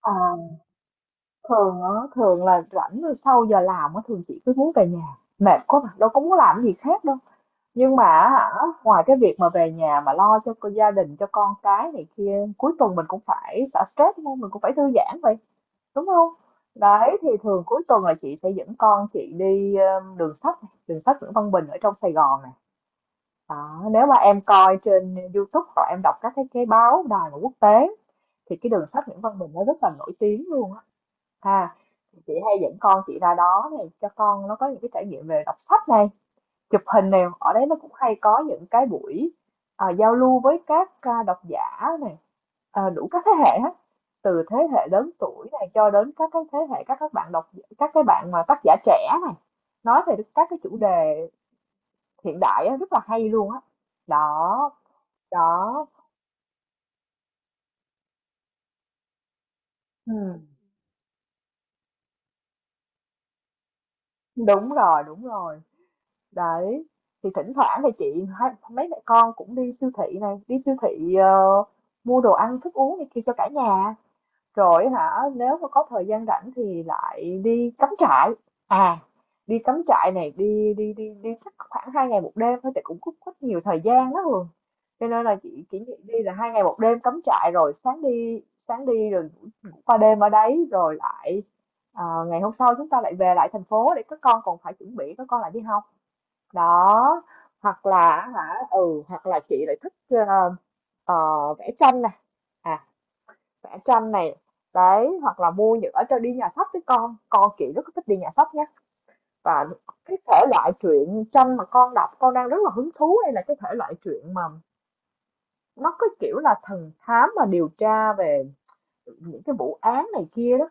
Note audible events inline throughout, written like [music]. Ờ, thường á, thường là rảnh rồi sau giờ làm á, thường chị cứ muốn về nhà, mệt quá mà, đâu có muốn làm cái gì khác đâu. Nhưng mà á hả, ngoài cái việc mà về nhà mà lo cho gia đình, cho con cái này kia, cuối tuần mình cũng phải xả stress đúng không? Mình cũng phải thư giãn vậy, đúng không? Đấy, thì thường cuối tuần là chị sẽ dẫn con chị đi đường sách, này, đường sách Nguyễn Văn Bình ở trong Sài Gòn này. Đó, nếu mà em coi trên YouTube hoặc em đọc các cái báo đài mà quốc tế thì cái đường sách Nguyễn Văn Bình nó rất là nổi tiếng luôn á. Ha chị hay dẫn con chị ra đó này cho con nó có những cái trải nghiệm về đọc sách này, chụp hình này, ở đấy nó cũng hay có những cái buổi giao lưu với các độc giả này, à, đủ các thế hệ hết, từ thế hệ lớn tuổi này cho đến các cái thế hệ các bạn đọc, các cái bạn mà tác giả trẻ này, nói về các cái chủ đề hiện đại á, rất là hay luôn á. Đó, đó, đó. Ừ, đúng rồi, đúng rồi. Đấy, thì thỉnh thoảng thì chị hai mấy mẹ con cũng đi siêu thị này, đi siêu thị mua đồ ăn, thức uống này kia cho cả nhà. Rồi hả, nếu mà có thời gian rảnh thì lại đi cắm trại. À, đi cắm trại này, đi đi đi đi chắc khoảng hai ngày một đêm thôi, chị cũng có nhiều thời gian đó Hường. Cho nên là chị chỉ nghĩ đi là hai ngày một đêm cắm trại, rồi sáng đi rồi ngủ qua đêm ở đấy rồi lại ngày hôm sau chúng ta lại về lại thành phố để các con còn phải chuẩn bị, các con lại đi học. Đó, hoặc là hả, ừ, hoặc là chị lại thích ờ, vẽ tranh này, à, vẽ tranh này, đấy, hoặc là mua những ở trên đi nhà sách với con chị rất thích đi nhà sách nhé. Và cái thể loại truyện tranh mà con đọc, con đang rất là hứng thú, đây là cái thể loại truyện mà nó có kiểu là thần thám mà điều tra về những cái vụ án này kia đó.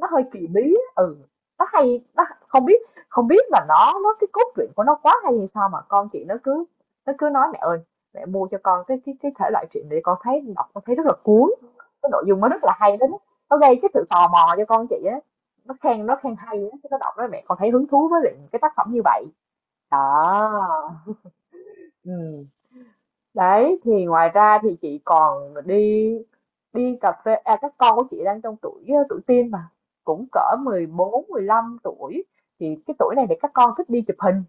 Nó hơi kỳ bí, ừ, nó hay, nó không biết, không biết là nó cái cốt truyện của nó quá hay hay sao mà con chị nó cứ nói mẹ ơi, mẹ mua cho con cái thể loại truyện để con thấy, đọc con thấy rất là cuốn, cái nội dung nó rất là hay đó, nó gây cái sự tò mò cho con chị á, nó khen hay á, cái nó đọc nói mẹ con thấy hứng thú với lại cái tác phẩm như vậy. Đó, ừ, đấy, thì ngoài ra thì chị còn đi, đi cà phê, à, các con của chị đang trong tuổi tuổi teen mà, cũng cỡ 14 15 tuổi, thì cái tuổi này để các con thích đi chụp hình,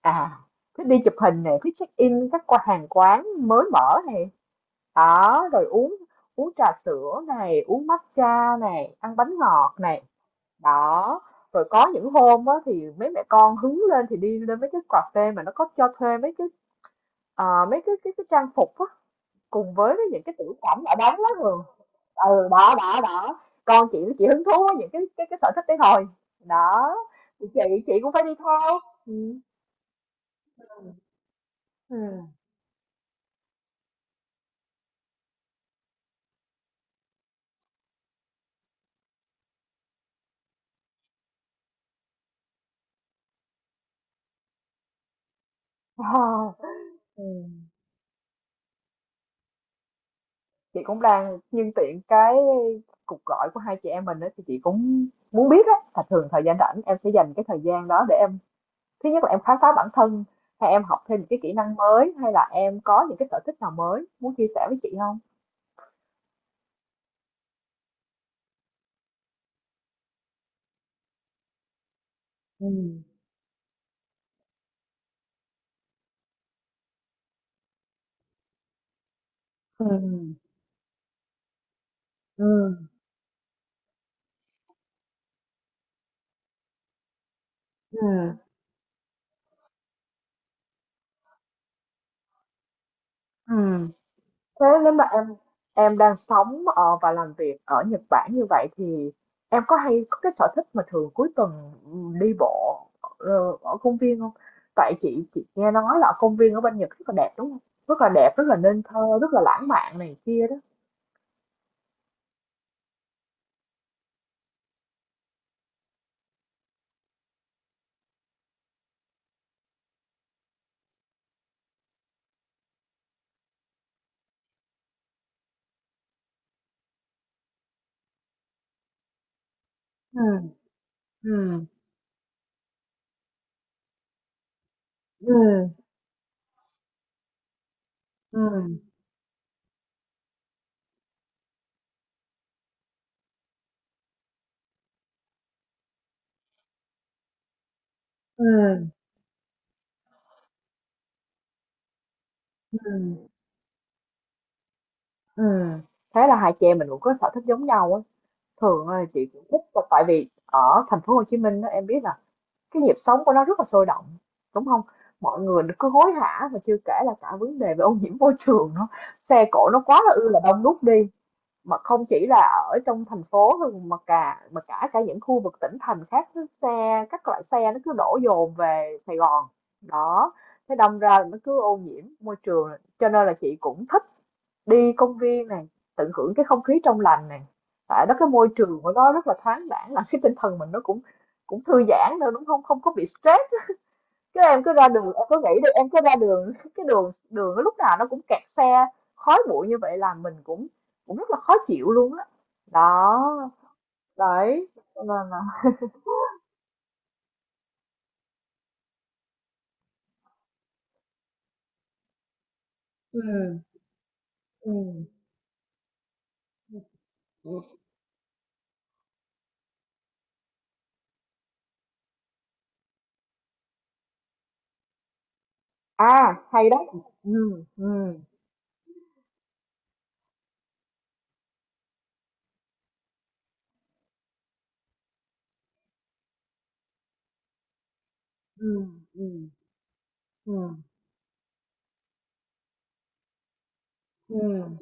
à, thích đi chụp hình này, thích check in các qua hàng quán mới mở này, đó, rồi uống uống trà sữa này, uống matcha này, ăn bánh ngọt này, đó, rồi có những hôm á, thì mấy mẹ con hứng lên thì đi lên mấy cái cà phê mà nó có cho thuê mấy cái mấy cái trang phục á, cùng với cái những cái tiểu cảnh ở đóng đó lắm rồi. Ừ, đó, đó, đó. Con chị hứng thú với những cái sở thích đấy thôi. Đó, thì chị cũng phải đi theo. Ừ. Ừ. Ờ. Ừ. Chị cũng đang nhân tiện cái cuộc gọi của hai chị em mình đó, thì chị cũng muốn biết á là thường thời gian rảnh em sẽ dành cái thời gian đó để em, thứ nhất là em khám phá bản thân, hay em học thêm những cái kỹ năng mới, hay là em có những cái sở thích nào mới muốn chia sẻ với chị không? Ừ. Ừ. Ừ. Ừ. Ừ. Thế nếu mà em đang sống và làm việc ở Nhật Bản như vậy thì em có hay có cái sở thích mà thường cuối tuần đi bộ ở công viên không? Tại chị nghe nói là công viên ở bên Nhật rất là đẹp đúng không? Rất là đẹp, rất là nên thơ, rất là lãng mạn này kia đó. Ừ. Ừ. Ừ. Ừ. Ừ. Ừ. Ừ. Thế là hai chị em mình cũng có sở thích giống nhau á. Thường là chị cũng thích, tại vì ở thành phố Hồ Chí Minh đó, em biết là cái nhịp sống của nó rất là sôi động đúng không, mọi người cứ hối hả, và chưa kể là cả vấn đề về ô nhiễm môi trường nữa, xe cộ nó quá là ư là đông đúc đi, mà không chỉ là ở trong thành phố thôi mà cả cả những khu vực tỉnh thành khác, xe các loại xe nó cứ đổ dồn về Sài Gòn đó, thế đâm ra nó cứ ô nhiễm môi trường, cho nên là chị cũng thích đi công viên này, tận hưởng cái không khí trong lành này, tại đó cái môi trường của nó rất là thoáng đãng, làm cái tinh thần mình nó cũng cũng thư giãn nữa, đúng không? Không có bị stress á. Chứ em cứ ra đường em có nghĩ đi, em cứ ra đường [laughs] cái đường đường nó lúc nào nó cũng kẹt xe, khói bụi như vậy là mình cũng cũng rất là khó chịu luôn á. Đó, đấy, là là ừm, ừm, ừm. À, hay đó. Ừm, ừm, ừm, ừm, ừm, ừm.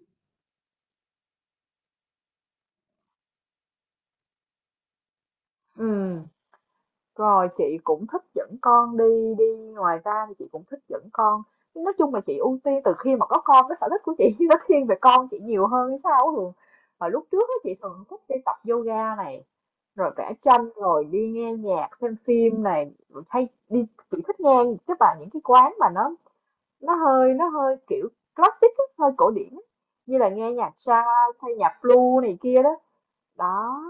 Rồi chị cũng thích dẫn con đi, đi, ngoài ra thì chị cũng thích dẫn con, nói chung là chị ưu tiên từ khi mà có con, cái sở thích của chị [laughs] nó thiên về con chị nhiều hơn hay sao á Hường. Và lúc trước á, chị thường thích đi tập yoga này, rồi vẽ tranh, rồi đi nghe nhạc xem phim này, rồi hay đi, chị thích nghe các bạn những cái quán mà nó, nó hơi kiểu classic á, hơi cổ điển á. Như là nghe nhạc jazz hay nhạc blues này kia đó, đó,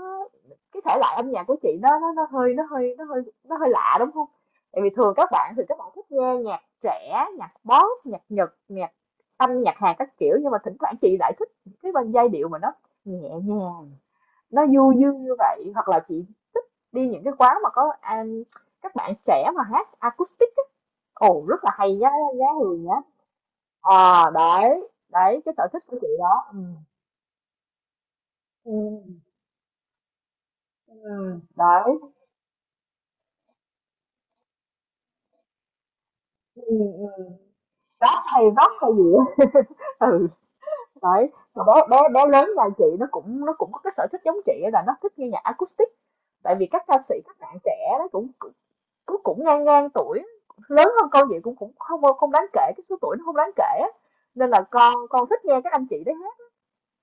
cái thể loại âm nhạc của chị nó hơi nó hơi nó hơi nó hơi lạ đúng không? Tại vì thường các bạn thì các bạn thích nghe nhạc trẻ, nhạc pop, nhạc Nhật, nhạc Anh, nhạc Hàn các kiểu, nhưng mà thỉnh thoảng chị lại thích cái bên giai điệu mà nó nhẹ nhàng, nó du dương như vậy, hoặc là chị thích đi những cái quán mà có các bạn trẻ mà hát acoustic á. Ồ rất là hay giá, giá Hường nhá. Ờ đấy, đấy cái sở thích của chị đó. Ừ. Ừ. Ừ. Ừ, đấy. Ừ. Ừ. Rap hay Rock hay gì á, [laughs] ừ, đấy. Mà bé bé bé lớn nhà chị nó cũng có cái sở thích giống chị á, là nó thích nghe nhạc acoustic. Tại vì các ca sĩ các bạn trẻ nó cũng cũng cũng ngang ngang tuổi, lớn hơn con vậy cũng cũng không không đáng kể, cái số tuổi nó không đáng kể á. Nên là con thích nghe các anh chị đấy hết.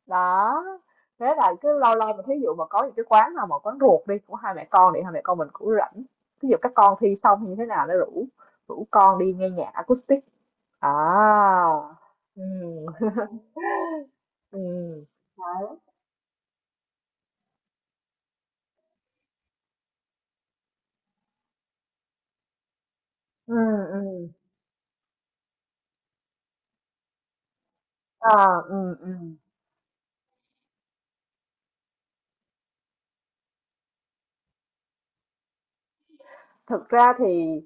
Đó. Thế là cứ lâu lâu mà thí dụ mà có những cái quán nào mà quán ruột đi của hai mẹ con thì hai mẹ con mình cũng rảnh. Ví dụ các con thi xong như thế nào nó rủ, rủ con đi nghe nhạc acoustic. À. Ừ. Ừm. Ừ. Ừm. Ờ, ừ, ừ. Thực ra thì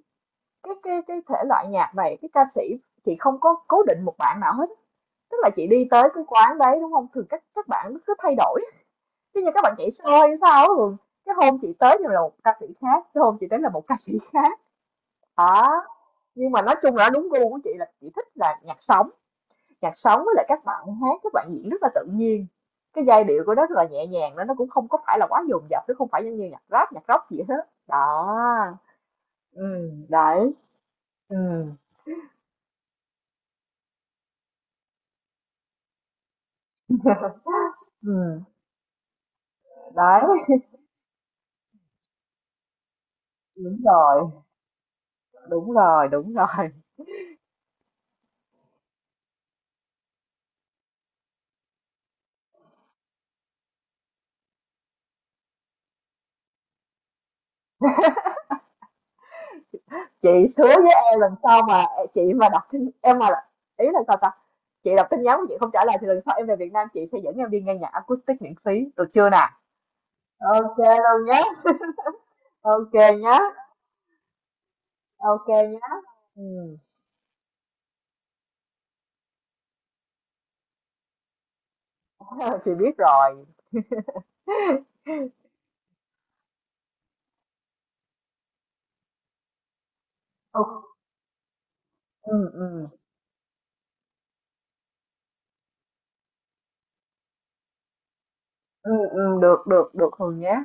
cái thể loại nhạc này, cái ca sĩ chị không có cố định một bạn nào hết, tức là chị đi tới cái quán đấy, đúng không Thường, các bạn cứ thay đổi, giống như các bạn nhảy show hay sao á, thường cái hôm chị tới thì là một ca sĩ khác, cái hôm chị tới là một ca sĩ khác, đó. Nhưng mà nói chung là đúng gu của chị là chị thích là nhạc sống. Nhạc sống với lại các bạn hát, các bạn diễn rất là tự nhiên, cái giai điệu của nó rất là nhẹ nhàng đó, nó cũng không có phải là quá dồn dập, nó không phải giống như nhạc rap nhạc rock gì hết đó. Ừ, đấy. Ừ, ừ, đấy. Đúng rồi, đúng rồi, đúng rồi. Chị hứa với em lần sau mà chị mà đọc tin- em mà là- ý là sao ta, chị đọc tin nhắn mà chị không trả lời thì lần sau em về Việt Nam chị sẽ dẫn em đi nghe nhạc acoustic miễn phí được chưa nè. Ok luôn nhé. Ok nhé. Ok nhé. Ừ. [laughs] chị biết rồi. Ừ, ừ, ừ, ừ, ừ, được, được, được Hường nhé.